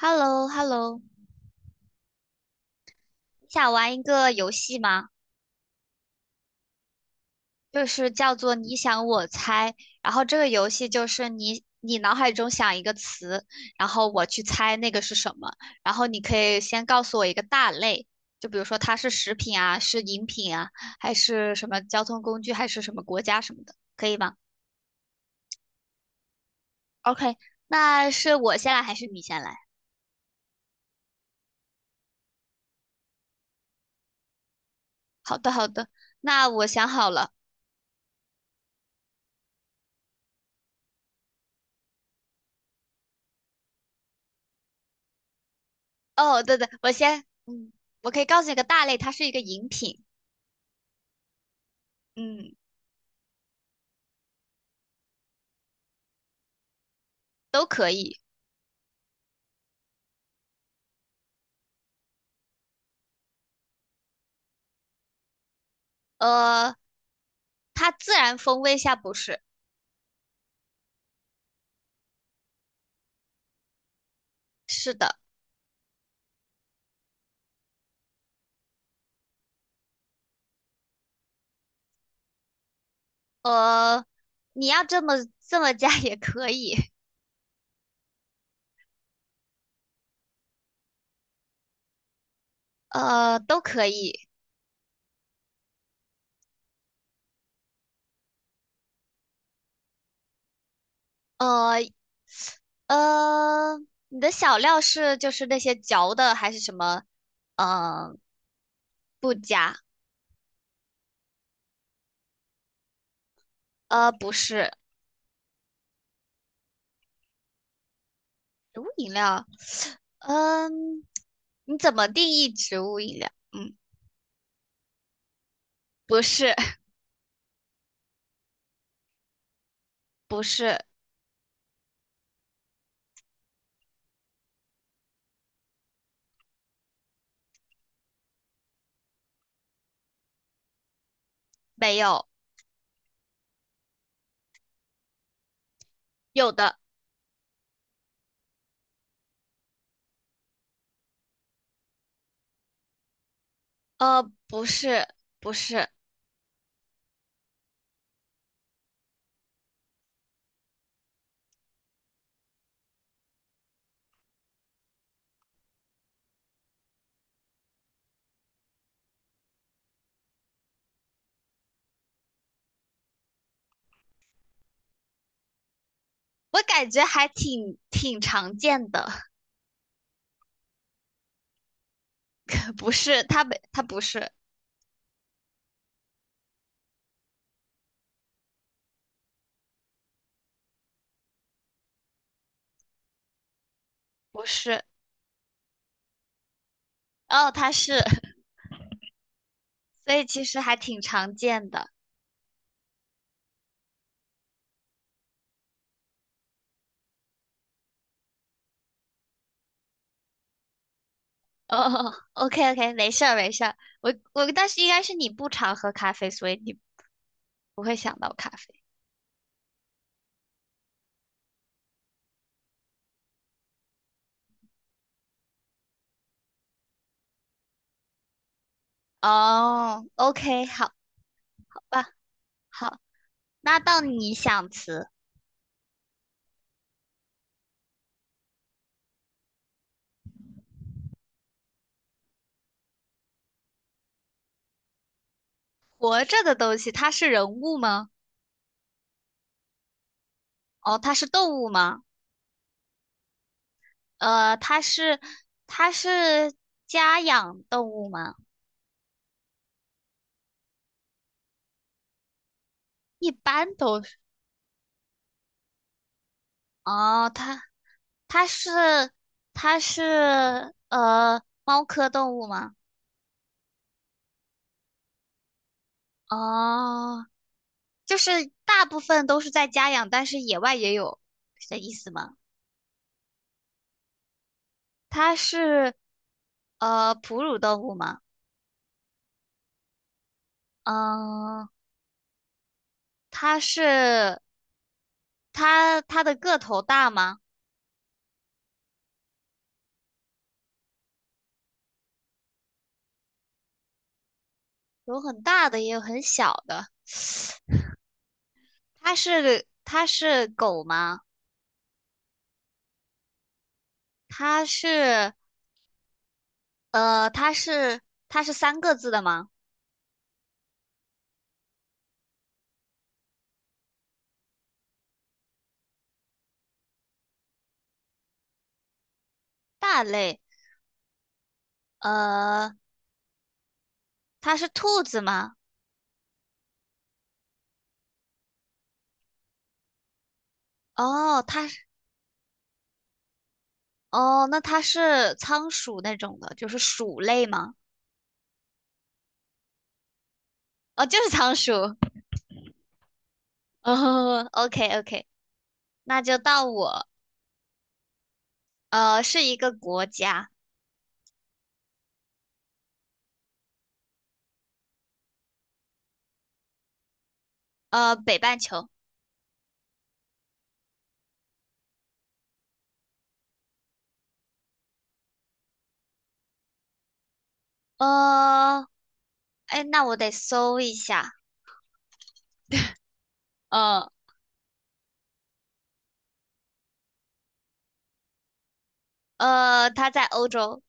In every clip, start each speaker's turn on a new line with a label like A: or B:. A: h e l l o h e l l o 你想玩一个游戏吗？就是叫做你想我猜，然后这个游戏就是你脑海中想一个词，然后我去猜那个是什么，然后你可以先告诉我一个大类，就比如说它是食品啊，是饮品啊，还是什么交通工具，还是什么国家什么的，可以吗？OK，那是我先来还是你先来？好的，好的，那我想好了。哦，对对，我先，我可以告诉你个大类，它是一个饮品，嗯。都可以。呃，它自然风味下不是，是的。呃，你要这么加 也可以，都可以。呃呃，你的小料是就是那些嚼的还是什么？嗯、不加。呃，不是植物饮料。嗯，你怎么定义植物饮料？嗯，不是，不是，没有，有的。不是，不是。我感觉还挺常见的，不是不是哦，他是，所以其实还挺常见的。哦，OK OK，没事儿没事儿，我但是应该是你不常喝咖啡，所以你不会想到咖啡。哦，OK，好吧，好，那到你想词，活着的东西，它是人物吗？哦，它是动物吗？呃，它是它是家养动物吗？一般都哦，它是它是猫科动物吗？哦，就是大部分都是在家养，但是野外也有，是这意思吗？它是哺乳动物吗？嗯，它是它它的个头大吗？有很大的，也有很小的。它是狗吗？它是呃它是它是三个字的吗？大类。呃，它是兔子吗？哦，它是哦，那它是仓鼠那种的，就是鼠类吗？哦，就是仓鼠。哦，OK OK，那就到我。呃，是一个国家，北半球。呃，哎，那我得搜一下。呃它在欧洲。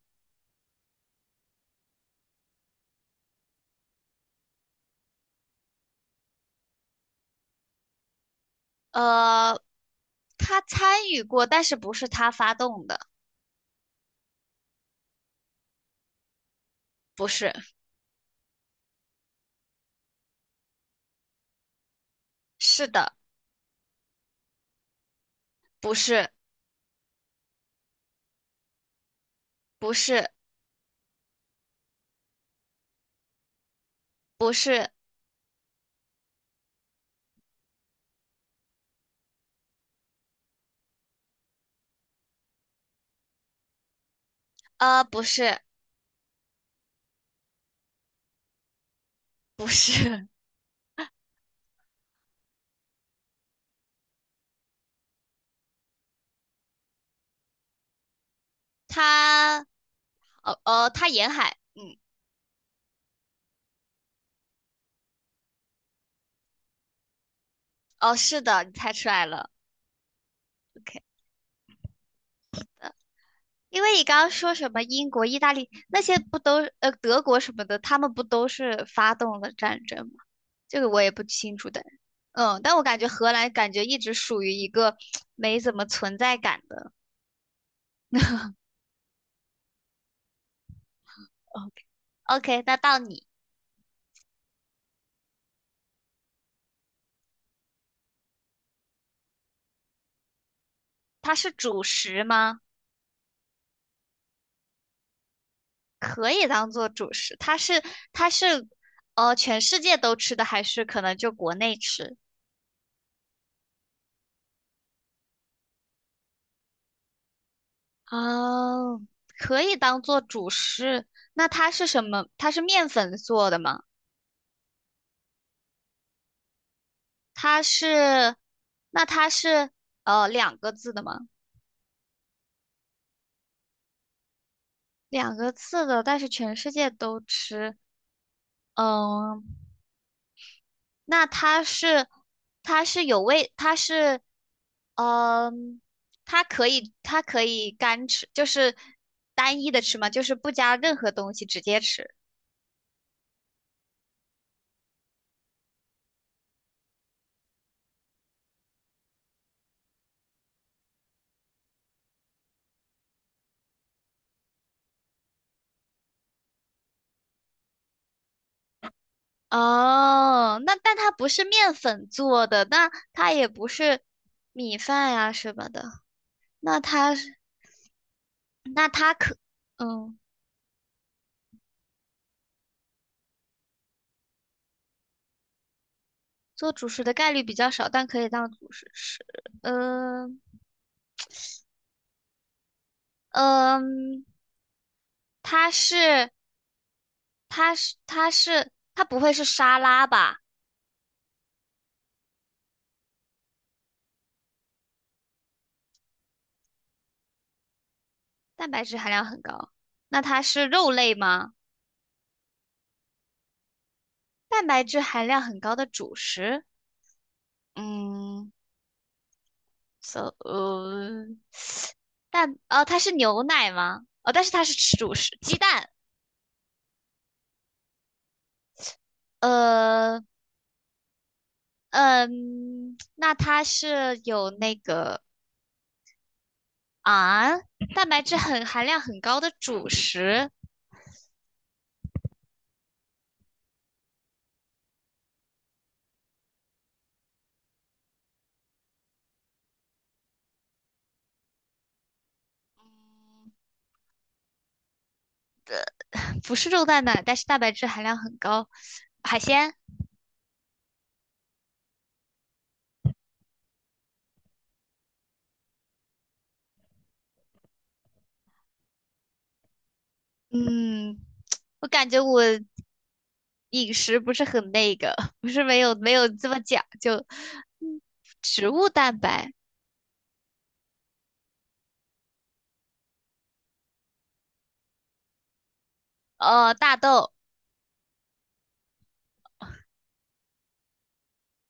A: 呃，它参与过，但是不是它发动的？不是，是的，不是，不是，不是，呃，不是，不是。它哦哦，它沿海，嗯，哦，是的，你猜出来了，OK。因为你刚刚说什么英国、意大利那些不都德国什么的，他们不都是发动了战争吗？这个我也不清楚的，嗯，但我感觉荷兰感觉一直属于一个没怎么存在感的。OK，OK，那到你，它是主食吗？可以当做主食，它是全世界都吃的，还是可能就国内吃？哦，可以当做主食。那它是什么？它是面粉做的吗？它是，那它是两个字的吗？两个字的，但是全世界都吃。嗯，那它是，它是有味，它是，嗯，它可以，它可以干吃，就是单一的吃吗？就是不加任何东西直接吃。哦，那但它不是面粉做的，那它也不是米饭呀什么的，那它是那它可嗯做主食的概率比较少，但可以当主食吃。嗯嗯，它是它不会是沙拉吧？蛋白质含量很高，那它是肉类吗？蛋白质含量很高的主食？嗯，so 呃但哦，它是牛奶吗？哦，但是它是主食鸡蛋。呃，嗯，那它是有那个啊，蛋白质很含量很高的主食，不是肉蛋奶，但是蛋白质含量很高。海鲜，嗯，我感觉我饮食不是很那个，不是没有这么讲究。嗯植物蛋白，呃，大豆。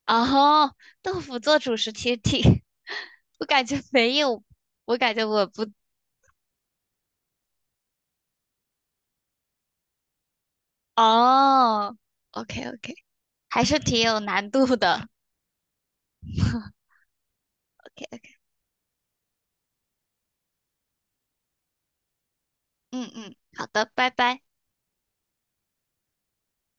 A: 哦，豆腐做主食其实挺，我感觉没有，我感觉我不，哦，OK OK，还是挺有难度的，OK OK，嗯嗯，好的，拜拜。